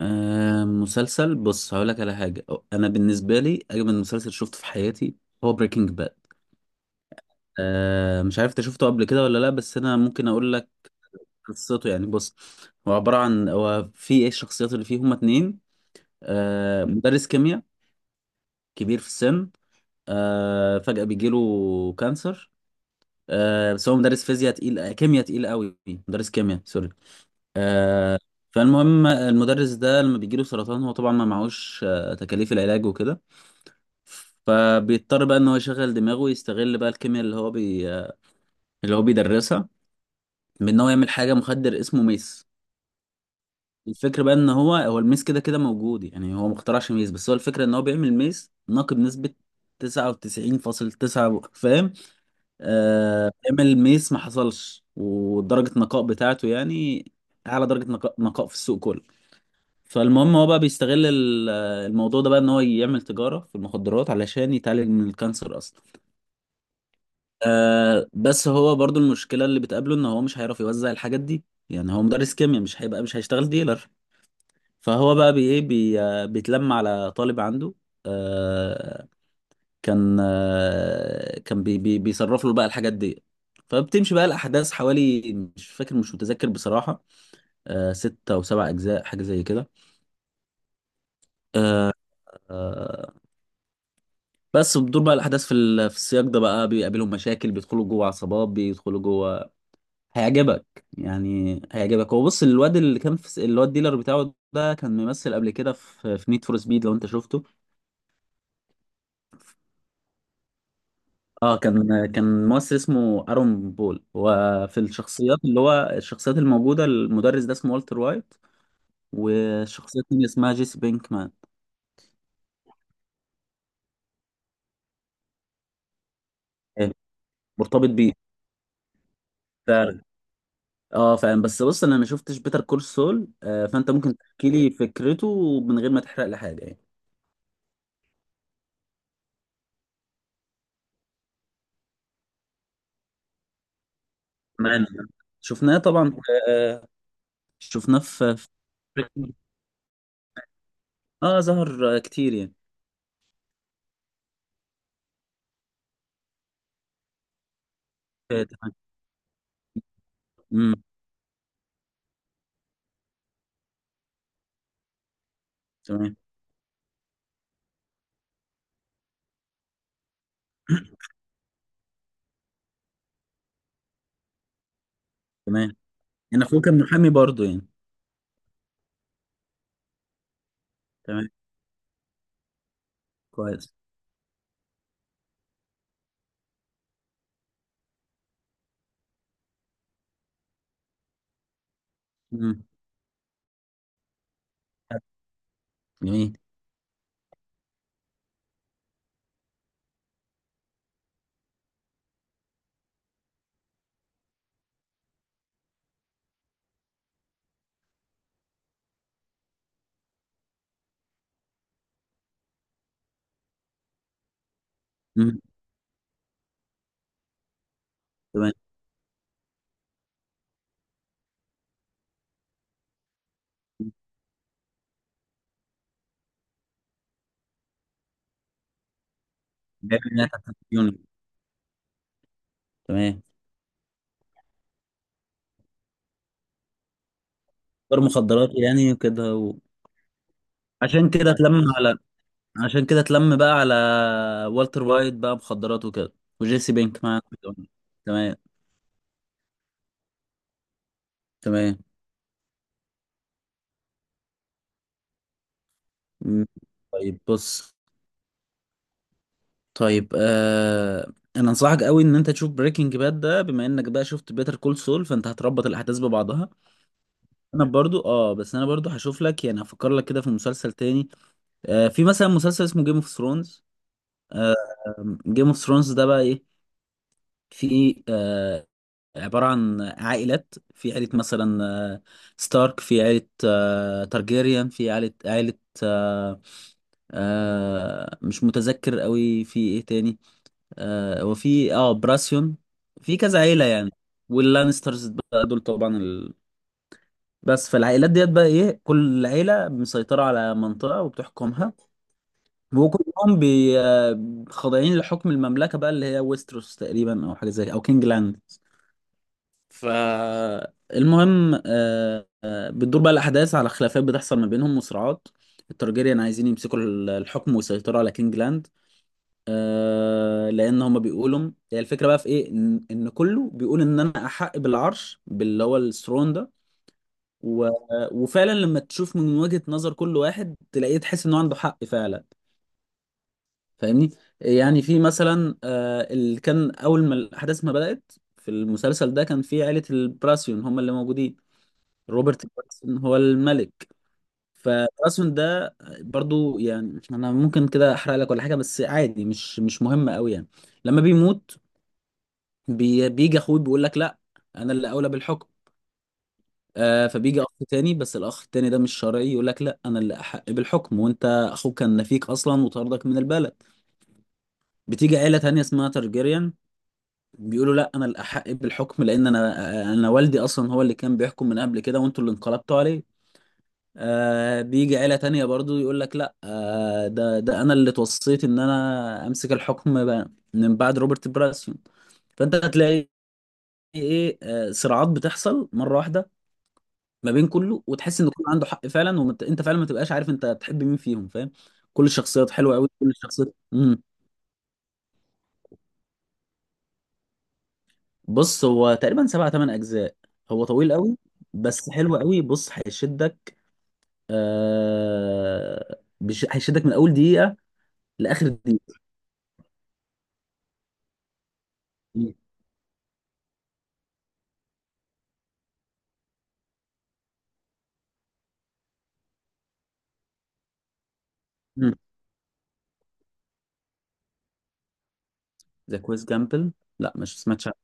مسلسل، بص هقول لك على حاجة. أنا بالنسبة لي أجمل مسلسل شفته في حياتي هو بريكنج باد. مش عارف أنت شفته قبل كده ولا لأ، بس أنا ممكن أقول لك قصته. يعني بص، هو عبارة عن، هو في إيه، الشخصيات اللي فيه هما اتنين. مدرس كيمياء كبير في السن. فجأة بيجيله كانسر. بس هو مدرس فيزياء تقيل، كيمياء تقيل قوي، مدرس كيمياء سوري. آه فالمهم المدرس ده لما بيجيله سرطان هو طبعا ما معهوش تكاليف العلاج وكده. فبيضطر بقى ان هو يشغل دماغه ويستغل بقى الكيمياء اللي هو بيدرسها، بان هو يعمل حاجه، مخدر اسمه ميس. الفكره بقى ان هو هو الميس كده كده موجود، يعني هو ما اخترعش ميس، بس هو الفكره ان هو بيعمل ميس ناقي بنسبه 99.9. فاهم؟ بيعمل ميس ما حصلش، ودرجه النقاء بتاعته يعني اعلى درجه نقاء، نقاء في السوق كله. فالمهم هو بقى بيستغل الموضوع ده بقى ان هو يعمل تجاره في المخدرات علشان يتعالج من الكانسر اصلا. بس هو برضو المشكلة اللي بتقابله ان هو مش هيعرف يوزع الحاجات دي. يعني هو مدرس كيمياء، مش هيشتغل ديلر. فهو بقى بي ايه بي آه، بيتلم على طالب عنده. آه كان آه كان بي بي بيصرف له بقى الحاجات دي. فبتمشي بقى الأحداث، حوالي مش متذكر بصراحة، ستة أو سبع أجزاء، حاجة زي كده. آه آه بس بتدور بقى الأحداث في في السياق ده، بقى بيقابلهم مشاكل، بيدخلوا جوه عصابات، بيدخلوا جوه. هيعجبك، يعني هيعجبك. هو بص، الواد اللي كان اللي هو الديلر بتاعه ده كان ممثل قبل كده في نيد فور سبيد لو انت شفته. اه كان ممثل اسمه ارون بول. وفي الشخصيات اللي هو الشخصيات الموجوده، المدرس ده اسمه والتر وايت، والشخصيه التانيه اسمها جيسي بينكمان. إيه، مرتبط بيه. ف... اه فاهم، بس بص انا ما شفتش بيتر كول سول. فانت ممكن تحكي لي فكرته من غير ما تحرق لي حاجه يعني. تمام. شفناه طبعا. آه شفناه في... اه، ظهر كتير يعني. آه، تمام. امم. تمام. تمام. يعني اخوه كان محامي برضه يعني. تمام. كويس. امم. جميل. امم. تمام. بيعمل إنها تحت الديون. تمام. دور مخدرات يعني وكده. عشان كده اتلم على عشان كده اتلم بقى على والتر وايت بقى، مخدرات وكده، وجيسي بينك معاه. تمام. تمام. مم. طيب بص، طيب. انا انصحك قوي ان انت تشوف بريكنج باد ده، بما انك بقى شفت بيتر كول سول فانت هتربط الاحداث ببعضها. انا برضو بس انا برضو هشوف لك، يعني هفكر لك كده في مسلسل تاني. في مثلا مسلسل اسمه جيم اوف ثرونز. جيم اوف ثرونز ده بقى ايه؟ في عبارة عن عائلات، في عائلة مثلا آه ستارك، في عائلة تارجيريان، في عائلة، آه مش متذكر قوي في ايه تاني. وفي براسيون، في كذا عيلة يعني، واللانسترز بقى دول طبعا. بس فالعائلات ديت بقى ايه، كل عيلة مسيطرة على منطقة وبتحكمها، وكلهم بي آه، خاضعين لحكم المملكة بقى اللي هي ويستروس تقريبا، او حاجة زي او كينج لاند. فالمهم بتدور بقى الأحداث على خلافات بتحصل ما بينهم وصراعات. التارجيريان عايزين يمسكوا الحكم ويسيطروا على كينج لاند. لأن هما بيقولوا، هي الفكرة بقى في إيه، إن كله بيقول إن أنا أحق بالعرش، باللي هو الثرون ده. و... وفعلا لما تشوف من وجهة نظر كل واحد تلاقيه، تحس انه عنده حق فعلا. فاهمني؟ يعني في مثلا اللي كان اول ما الاحداث ما بدأت في المسلسل ده، كان في عائلة البراسيون هم اللي موجودين. روبرت براسيون هو الملك. فبراسيون ده برضو، يعني انا ممكن كده احرق لك ولا حاجة، بس عادي، مش مهم قوي يعني. لما بيموت، بيجي اخوه بيقول لك لا، انا اللي اولى بالحكم. فبيجي اخ تاني، بس الاخ التاني ده مش شرعي، يقول لك لا، انا اللي احق بالحكم، وانت اخوك كان نفيك اصلا وطردك من البلد. بتيجي عيله تانيه اسمها ترجيريان، بيقولوا لا، انا اللي احق بالحكم لان انا والدي اصلا هو اللي كان بيحكم من قبل كده، وانتوا اللي انقلبتوا عليه. بيجي عيله تانيه برضو، يقول لك لا، ده انا اللي توصيت ان انا امسك الحكم من بعد روبرت براسيون. فانت هتلاقي ايه آه صراعات بتحصل مره واحده ما بين كله، وتحس ان كله عنده حق فعلا، وانت فعلا ما تبقاش عارف انت تحب مين فيهم، فاهم؟ كل الشخصيات حلوه قوي، كل الشخصيات. بص هو تقريبا سبع ثمان اجزاء، هو طويل قوي. بس حلو قوي، بص هيشدك. هيشدك من اول دقيقه لاخر دقيقه. امم ذا كويس جامبل؟ لا، مش سمعتش عنه.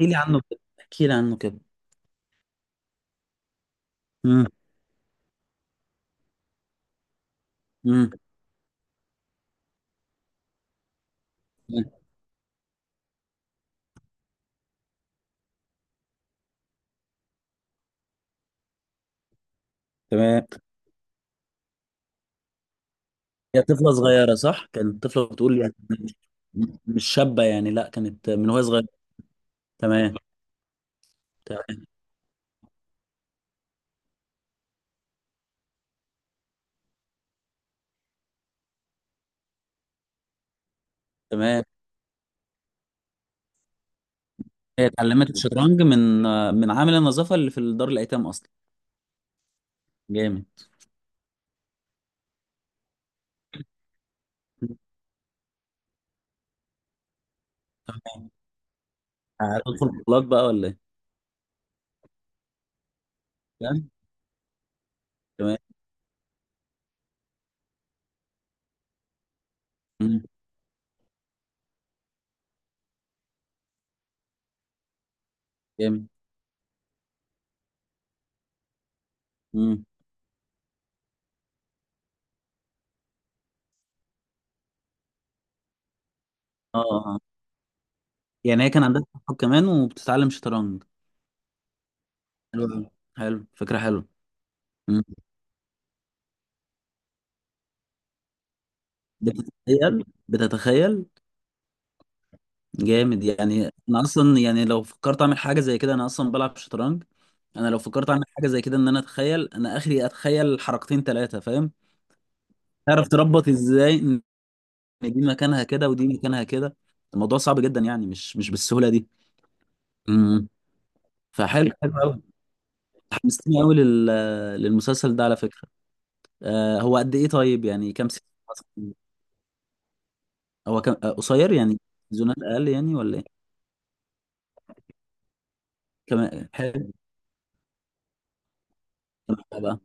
احكي لي عنه كده، احكي لي عنه كده. امم. امم. تمام. هي طفله صغيره صح؟ كانت طفله بتقول يعني؟ مش شابه يعني، لا كانت من وهي صغيره. تمام. تمام. تمام. هي اتعلمت الشطرنج من عامل النظافه اللي في دار الايتام اصلا. جامد. مم. تمام. هتدخل بطولات بقى ولا ايه؟ تمام. تمام. مم. جامد. مم. اه. آه. يعني هي كان عندها صحاب كمان وبتتعلم شطرنج؟ حلو أوي. حلو، فكره حلوه. مم. بتتخيل، بتتخيل. جامد، يعني انا اصلا، يعني لو فكرت اعمل حاجه زي كده، انا اصلا بلعب شطرنج. انا لو فكرت اعمل حاجه زي كده، ان انا اتخيل، انا اخري اتخيل حركتين ثلاثه، فاهم؟ تعرف تربط ازاي؟ يعني دي مكانها كده ودي مكانها كده، الموضوع صعب جدا يعني، مش بالسهولة دي. امم. فحلو، حلو قوي، حمستني قوي للمسلسل ده على فكرة. هو قد ايه طيب، يعني كام سيزون مثلاً؟ هو كم قصير يعني، سيزونات اقل يعني ولا ايه؟ كمان حلو، بقى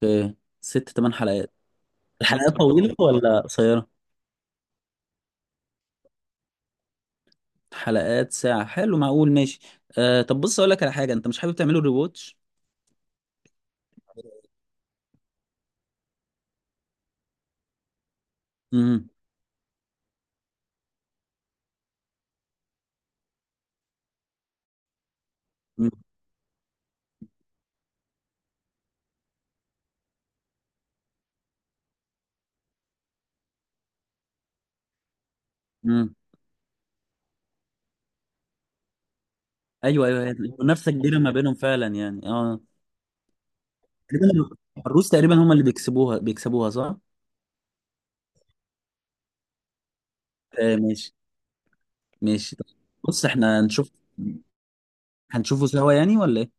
في ست تمن حلقات. الحلقات طويلة ولا قصيرة؟ حلقات ساعة، حلو، معقول، ماشي. طب بص، اقول لك على حاجة، انت مش حابب تعمله ريواتش؟ امم. امم. ايوه. ايوه، هي المنافسة كبيرة ما بينهم فعلا يعني، اه. تقريبا، الروس تقريبا هم اللي بيكسبوها، بيكسبوها صح؟ ماشي. ماشي طب، بص احنا هنشوف، هنشوفه سوا يعني ولا ايه؟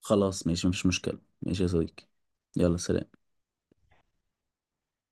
خلاص ماشي، مفيش مشكلة، ماشي يا صديقي. يلا سلام.